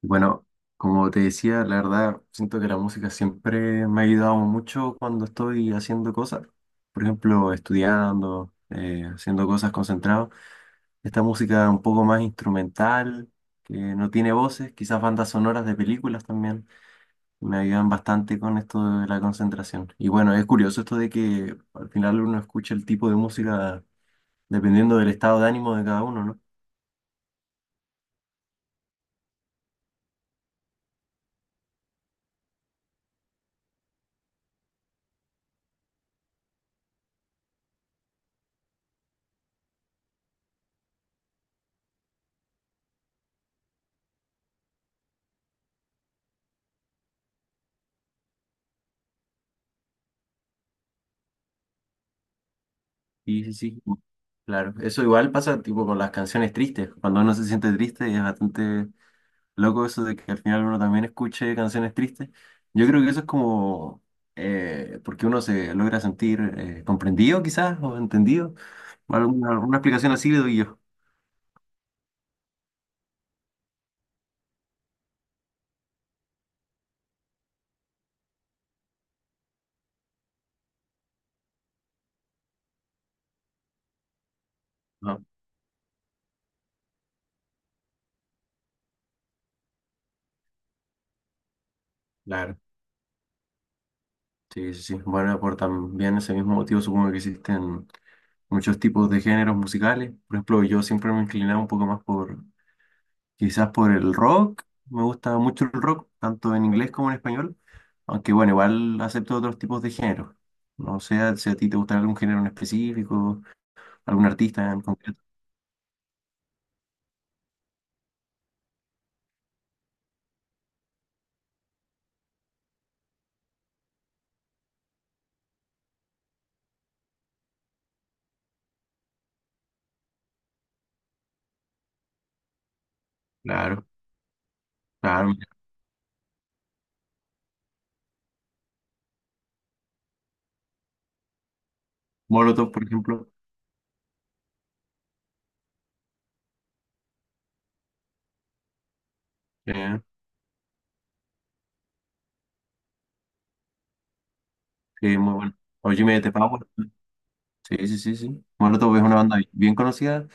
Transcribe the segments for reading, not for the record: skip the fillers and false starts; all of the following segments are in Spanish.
Bueno, como te decía, la verdad, siento que la música siempre me ha ayudado mucho cuando estoy haciendo cosas. Por ejemplo, estudiando, haciendo cosas concentrado. Esta música un poco más instrumental, que no tiene voces, quizás bandas sonoras de películas también, me ayudan bastante con esto de la concentración. Y bueno, es curioso esto de que al final uno escucha el tipo de música dependiendo del estado de ánimo de cada uno, ¿no? Sí, sí, sí. Claro, eso igual pasa tipo con las canciones tristes. Cuando uno se siente triste es bastante loco eso de que al final uno también escuche canciones tristes. Yo creo que eso es como porque uno se logra sentir comprendido quizás o entendido. Alguna explicación así le doy yo. No, claro. Sí, sí, sí. Bueno, por también ese mismo motivo supongo que existen muchos tipos de géneros musicales. Por ejemplo, yo siempre me inclinaba un poco más por quizás por el rock. Me gusta mucho el rock, tanto en inglés como en español, aunque bueno, igual acepto otros tipos de géneros. No sé si a ti te gusta algún género en específico, algún artista en concreto. Claro, claro. Mira, Molotov, por ejemplo. eh, sí, muy bueno. O Jimmy Eat the Power. Sí, sí, sí, sí. Molotov es una banda bien conocida.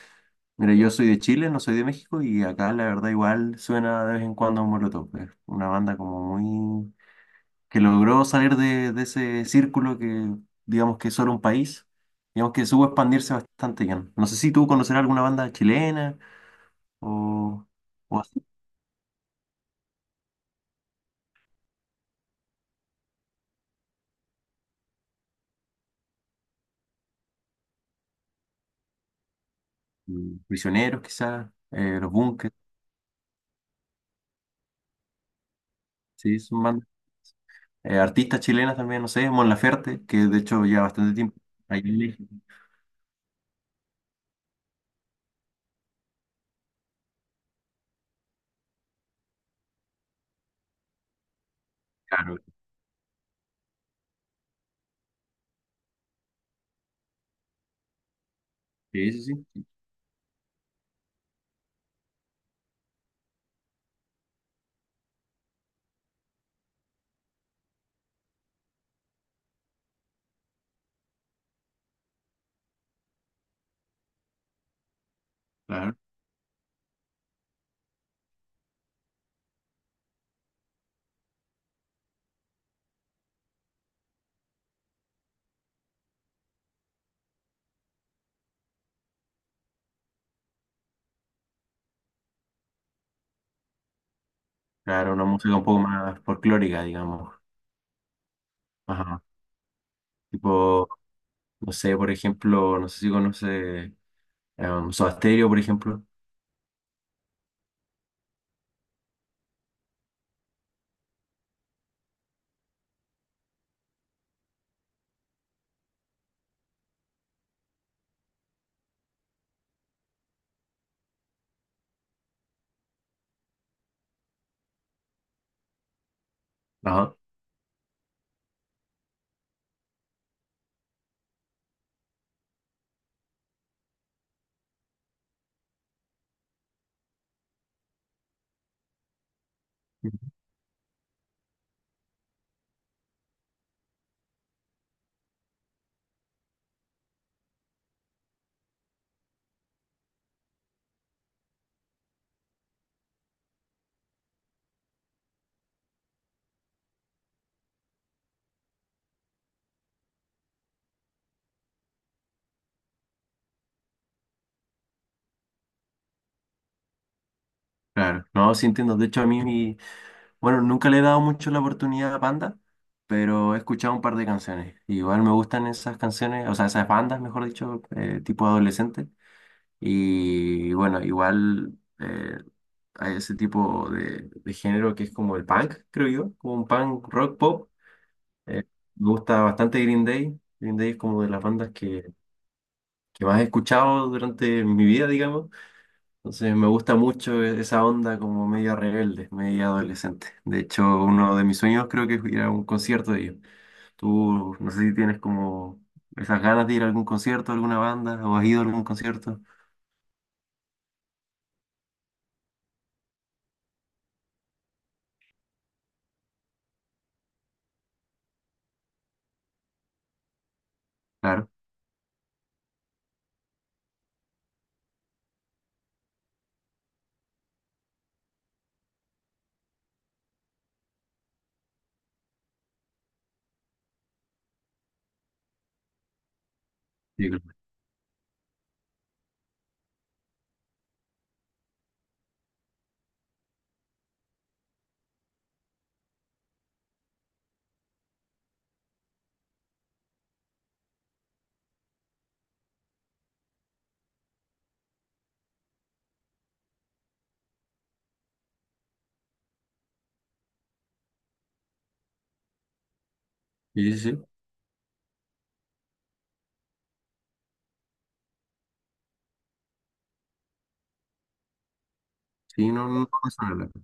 Mira, yo soy de Chile, no soy de México, y acá la verdad igual suena de vez en cuando Molotov. Es una banda como muy que logró salir de ese círculo que digamos que es solo un país, digamos que supo expandirse bastante bien. No sé si tú conocerás alguna banda chilena o, o así. Prisioneros quizás, Los Bunkers, sí, son bandas. Artistas chilenas también, no sé, Mon Laferte, que de hecho lleva bastante tiempo ahí en México. Claro, sí, sí, sí, sí, claro. Claro, una música un poco más folclórica, digamos. Ajá. Tipo, no sé, por ejemplo, no sé si conoce Soda Stereo, por ejemplo. Ajá. Claro, no, sí entiendo. De hecho, a mí, bueno, nunca le he dado mucho la oportunidad a Panda, pero he escuchado un par de canciones. Igual me gustan esas canciones, o sea, esas bandas, mejor dicho, tipo adolescente. Y bueno, igual hay ese tipo de género que es como el punk, creo yo, como un punk rock pop. Eh, Me gusta bastante Green Day. Green Day es como de las bandas que más he escuchado durante mi vida, digamos. Entonces me gusta mucho esa onda como media rebelde, media adolescente. De hecho, uno de mis sueños creo que es ir a un concierto de ellos. Tú, no sé si tienes como esas ganas de ir a algún concierto, alguna banda, o has ido a algún concierto. Claro, sí, claro, sí, sí, sí. Sí, no, no, no me suena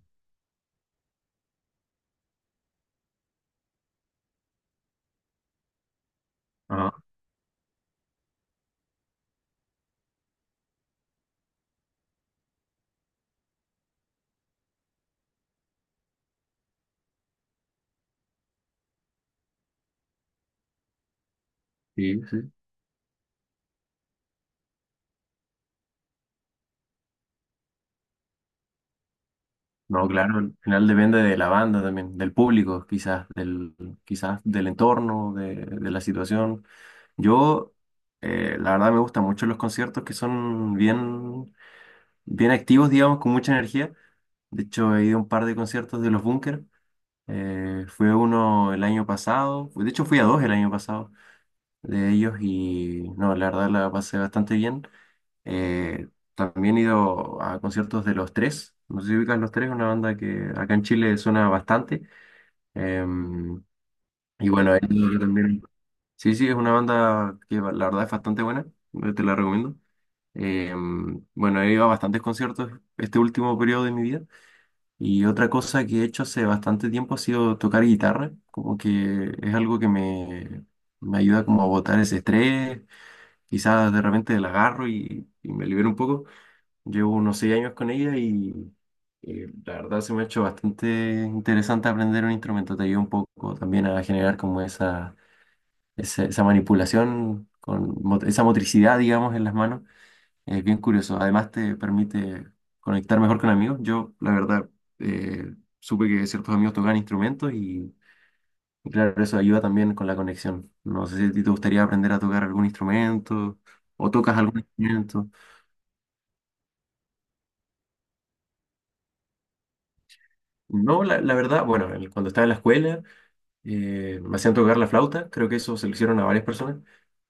ajá, sí, sí. No, claro, al final depende de la banda también, del público, quizás del entorno, de la situación. Yo, la verdad, me gustan mucho los conciertos que son bien bien activos, digamos, con mucha energía. De hecho, he ido a un par de conciertos de Los Bunkers. Fui a uno el año pasado, de hecho fui a dos el año pasado de ellos y no, la verdad la pasé bastante bien. Eh, También he ido a conciertos de Los Tres, no sé si ubicas Los Tres, una banda que acá en Chile suena bastante. Em, y bueno, he ido yo también, sí, sí, es una banda que la verdad es bastante buena, te la recomiendo. Bueno, he ido a bastantes conciertos este último periodo de mi vida. Y otra cosa que he hecho hace bastante tiempo ha sido tocar guitarra, como que es algo que me ayuda como a botar ese estrés, quizás de repente la agarro y me libero un poco. Llevo unos 6 años con ella y, la verdad se me ha hecho bastante interesante aprender un instrumento, te ayuda un poco también a generar como esa manipulación, con esa motricidad, digamos, en las manos es bien curioso. Además te permite conectar mejor con amigos. Yo, la verdad, supe que ciertos amigos tocan instrumentos y claro, eso ayuda también con la conexión. No sé si a ti te gustaría aprender a tocar algún instrumento o tocas algún instrumento. No, la verdad, bueno, cuando estaba en la escuela me hacían tocar la flauta. Creo que eso se lo hicieron a varias personas.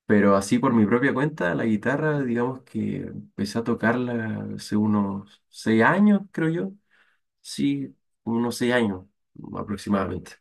Pero así por mi propia cuenta, la guitarra, digamos que empecé a tocarla hace unos 6 años, creo yo. Sí, unos 6 años aproximadamente.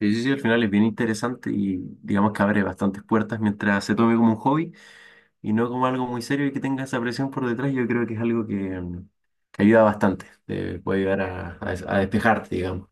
Sí, sí, sí, al final es bien interesante y digamos que abre bastantes puertas mientras se tome como un hobby y no como algo muy serio y que tenga esa presión por detrás. Yo creo que es algo que, mm, que ayuda bastante, te puede ayudar a, a despejarte, digamos.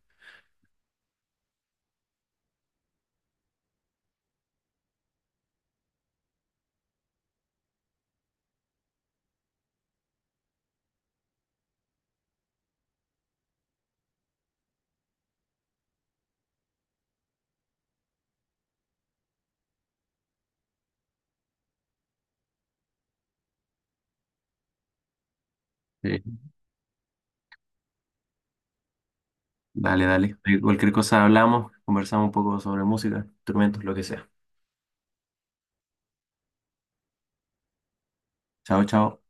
Sí. Dale, dale. De cualquier cosa hablamos, conversamos un poco sobre música, instrumentos, lo que sea. Chao, chao.